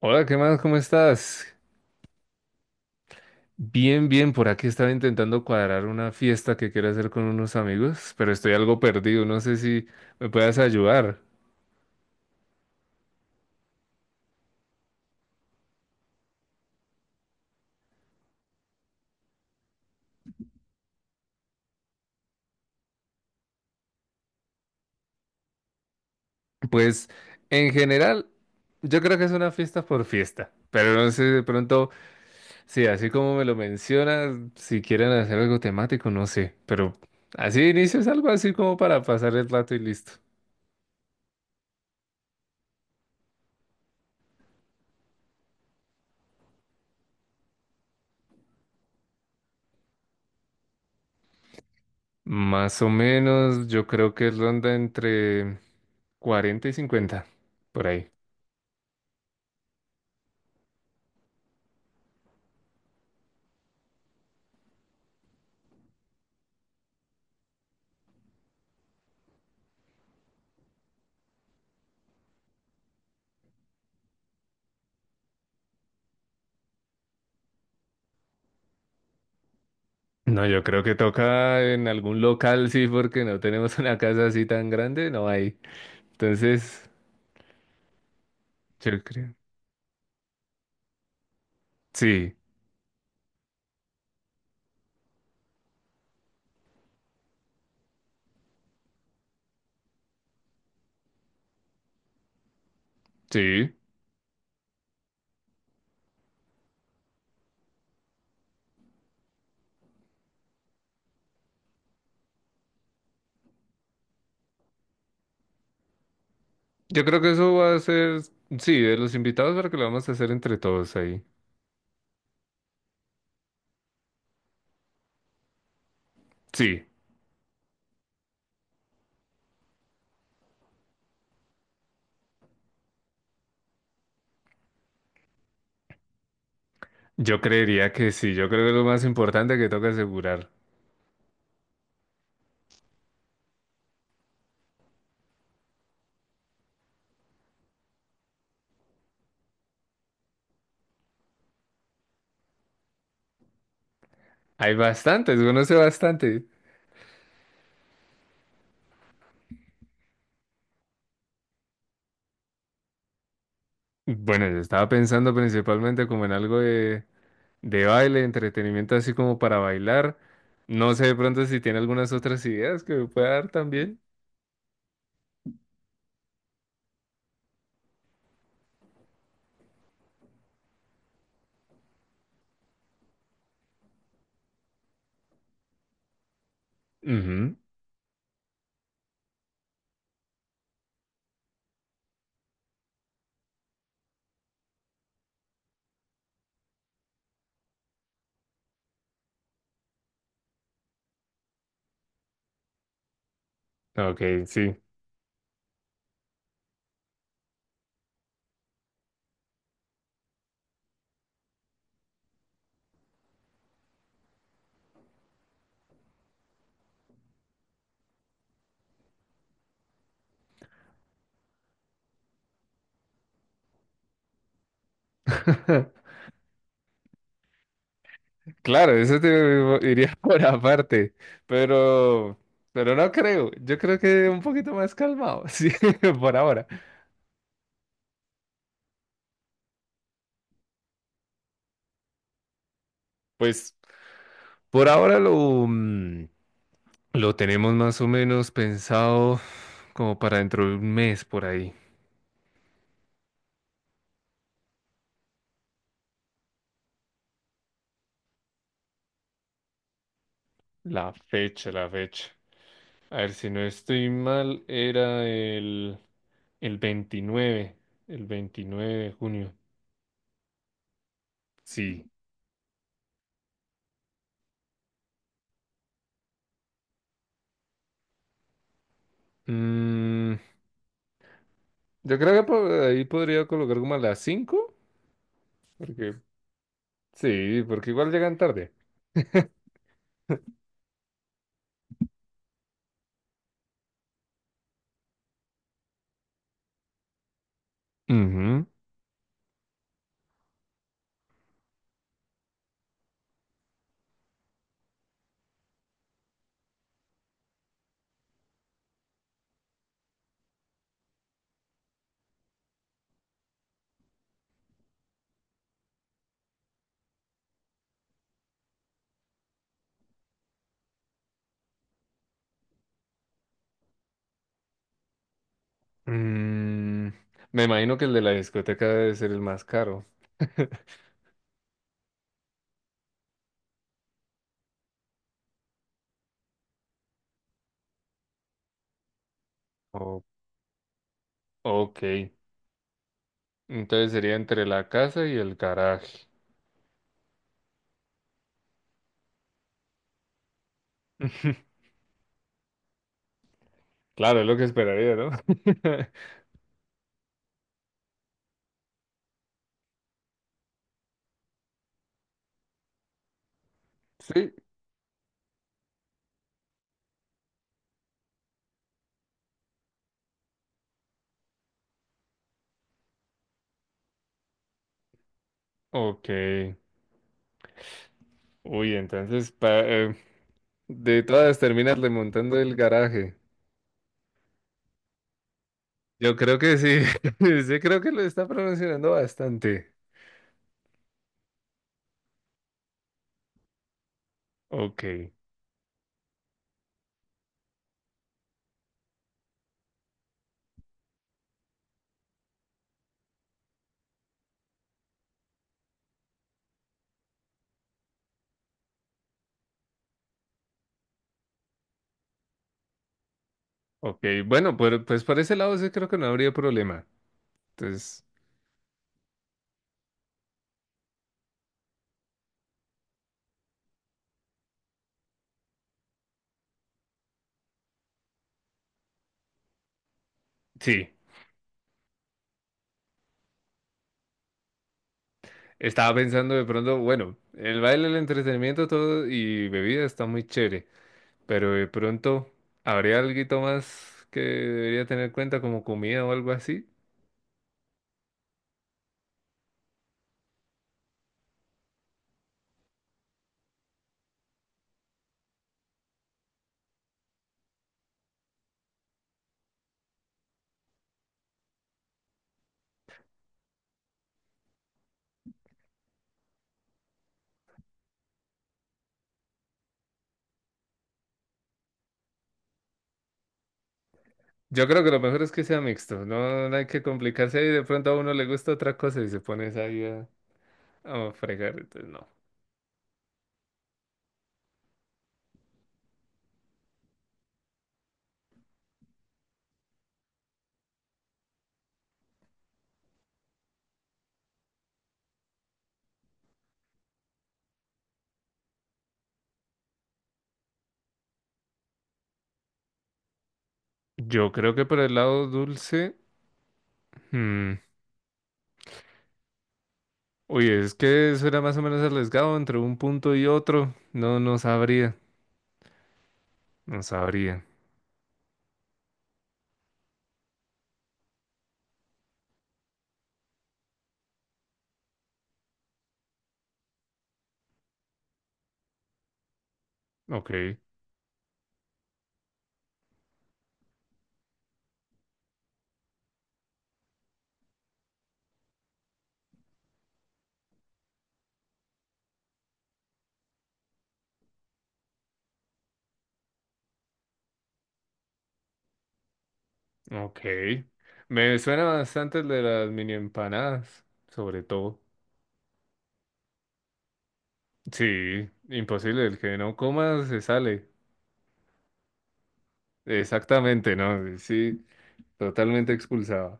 Hola, ¿qué más? ¿Cómo estás? Bien, bien, por aquí estaba intentando cuadrar una fiesta que quiero hacer con unos amigos, pero estoy algo perdido, no sé si me puedas ayudar. Pues, en general, yo creo que es una fiesta por fiesta, pero no sé de pronto, sí, así como me lo mencionas, si quieren hacer algo temático, no sé, pero así de inicio es algo así como para pasar el rato y listo. Más o menos, yo creo que ronda entre 40 y 50, por ahí. No, yo creo que toca en algún local, sí, porque no tenemos una casa así tan grande, no hay. Entonces, yo creo. Sí, sí. Yo creo que eso va a ser, sí, de los invitados para que lo vamos a hacer entre todos ahí. Sí, yo creería que sí, yo creo que es lo más importante que toca asegurar. Hay bastantes, conoce bastante. Bueno, yo estaba pensando principalmente como en algo de baile, entretenimiento así como para bailar. No sé de pronto si tiene algunas otras ideas que me pueda dar también. Ujú. Ok, sí. Claro, eso te iría por aparte, pero, pero no creo. Yo creo que un poquito más calmado, sí, por ahora. Pues por ahora mm, lo tenemos más o menos pensado como para dentro de un mes por ahí. La fecha, la fecha. A ver, si no estoy mal, era el 29, el 29 de junio. Sí. Mm, Yo creo que por ahí podría colocar como a las 5, porque sí, porque igual llegan tarde. Ujú. Mm, Me imagino que el de la discoteca debe ser el más caro. O- ok, entonces sería entre la casa y el garaje. Claro, es lo que esperaría, ¿no? Sí, ok. Uy, entonces, de todas terminas remontando el garaje. Yo creo que sí, sí creo que lo está pronunciando bastante. Ok. Ok, bueno, pues por ese lado sí creo que no habría problema. Entonces, sí, estaba pensando de pronto, bueno, el baile, el entretenimiento, todo y bebida está muy chévere, pero de pronto habría algo más que debería tener en cuenta como comida o algo así. Yo creo que lo mejor es que sea mixto, no, no hay que complicarse ahí, de pronto a uno le gusta otra cosa y se pones ahí a fregar, entonces no. Yo creo que por el lado dulce. hmm, Uy, es que eso era más o menos arriesgado entre un punto y otro. No, no sabría. No sabría. Ok, ok. Me suena bastante el de las mini empanadas, sobre todo. Sí, imposible. El que no coma se sale. Exactamente, ¿no? Sí, totalmente expulsado.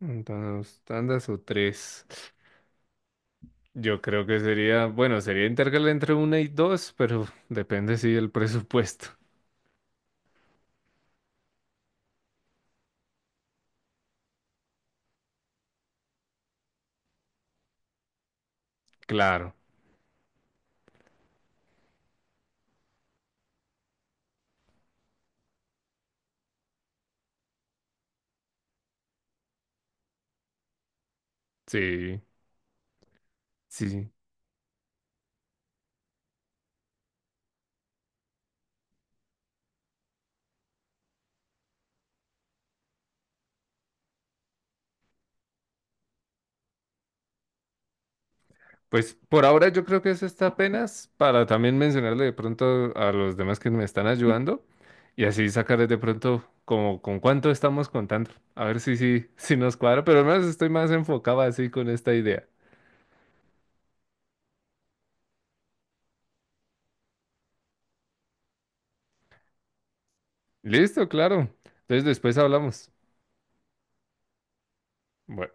Entonces, tandas o tres. Yo creo que sería, bueno, sería intercalar entre una y dos, pero depende, si sí, del presupuesto. Claro, sí. Sí, pues por ahora yo creo que eso está apenas para también mencionarle de pronto a los demás que me están ayudando y así sacarles de pronto como con cuánto estamos contando. A ver si nos cuadra, pero al menos estoy más enfocado así con esta idea. Listo, claro. Entonces después hablamos. Bueno.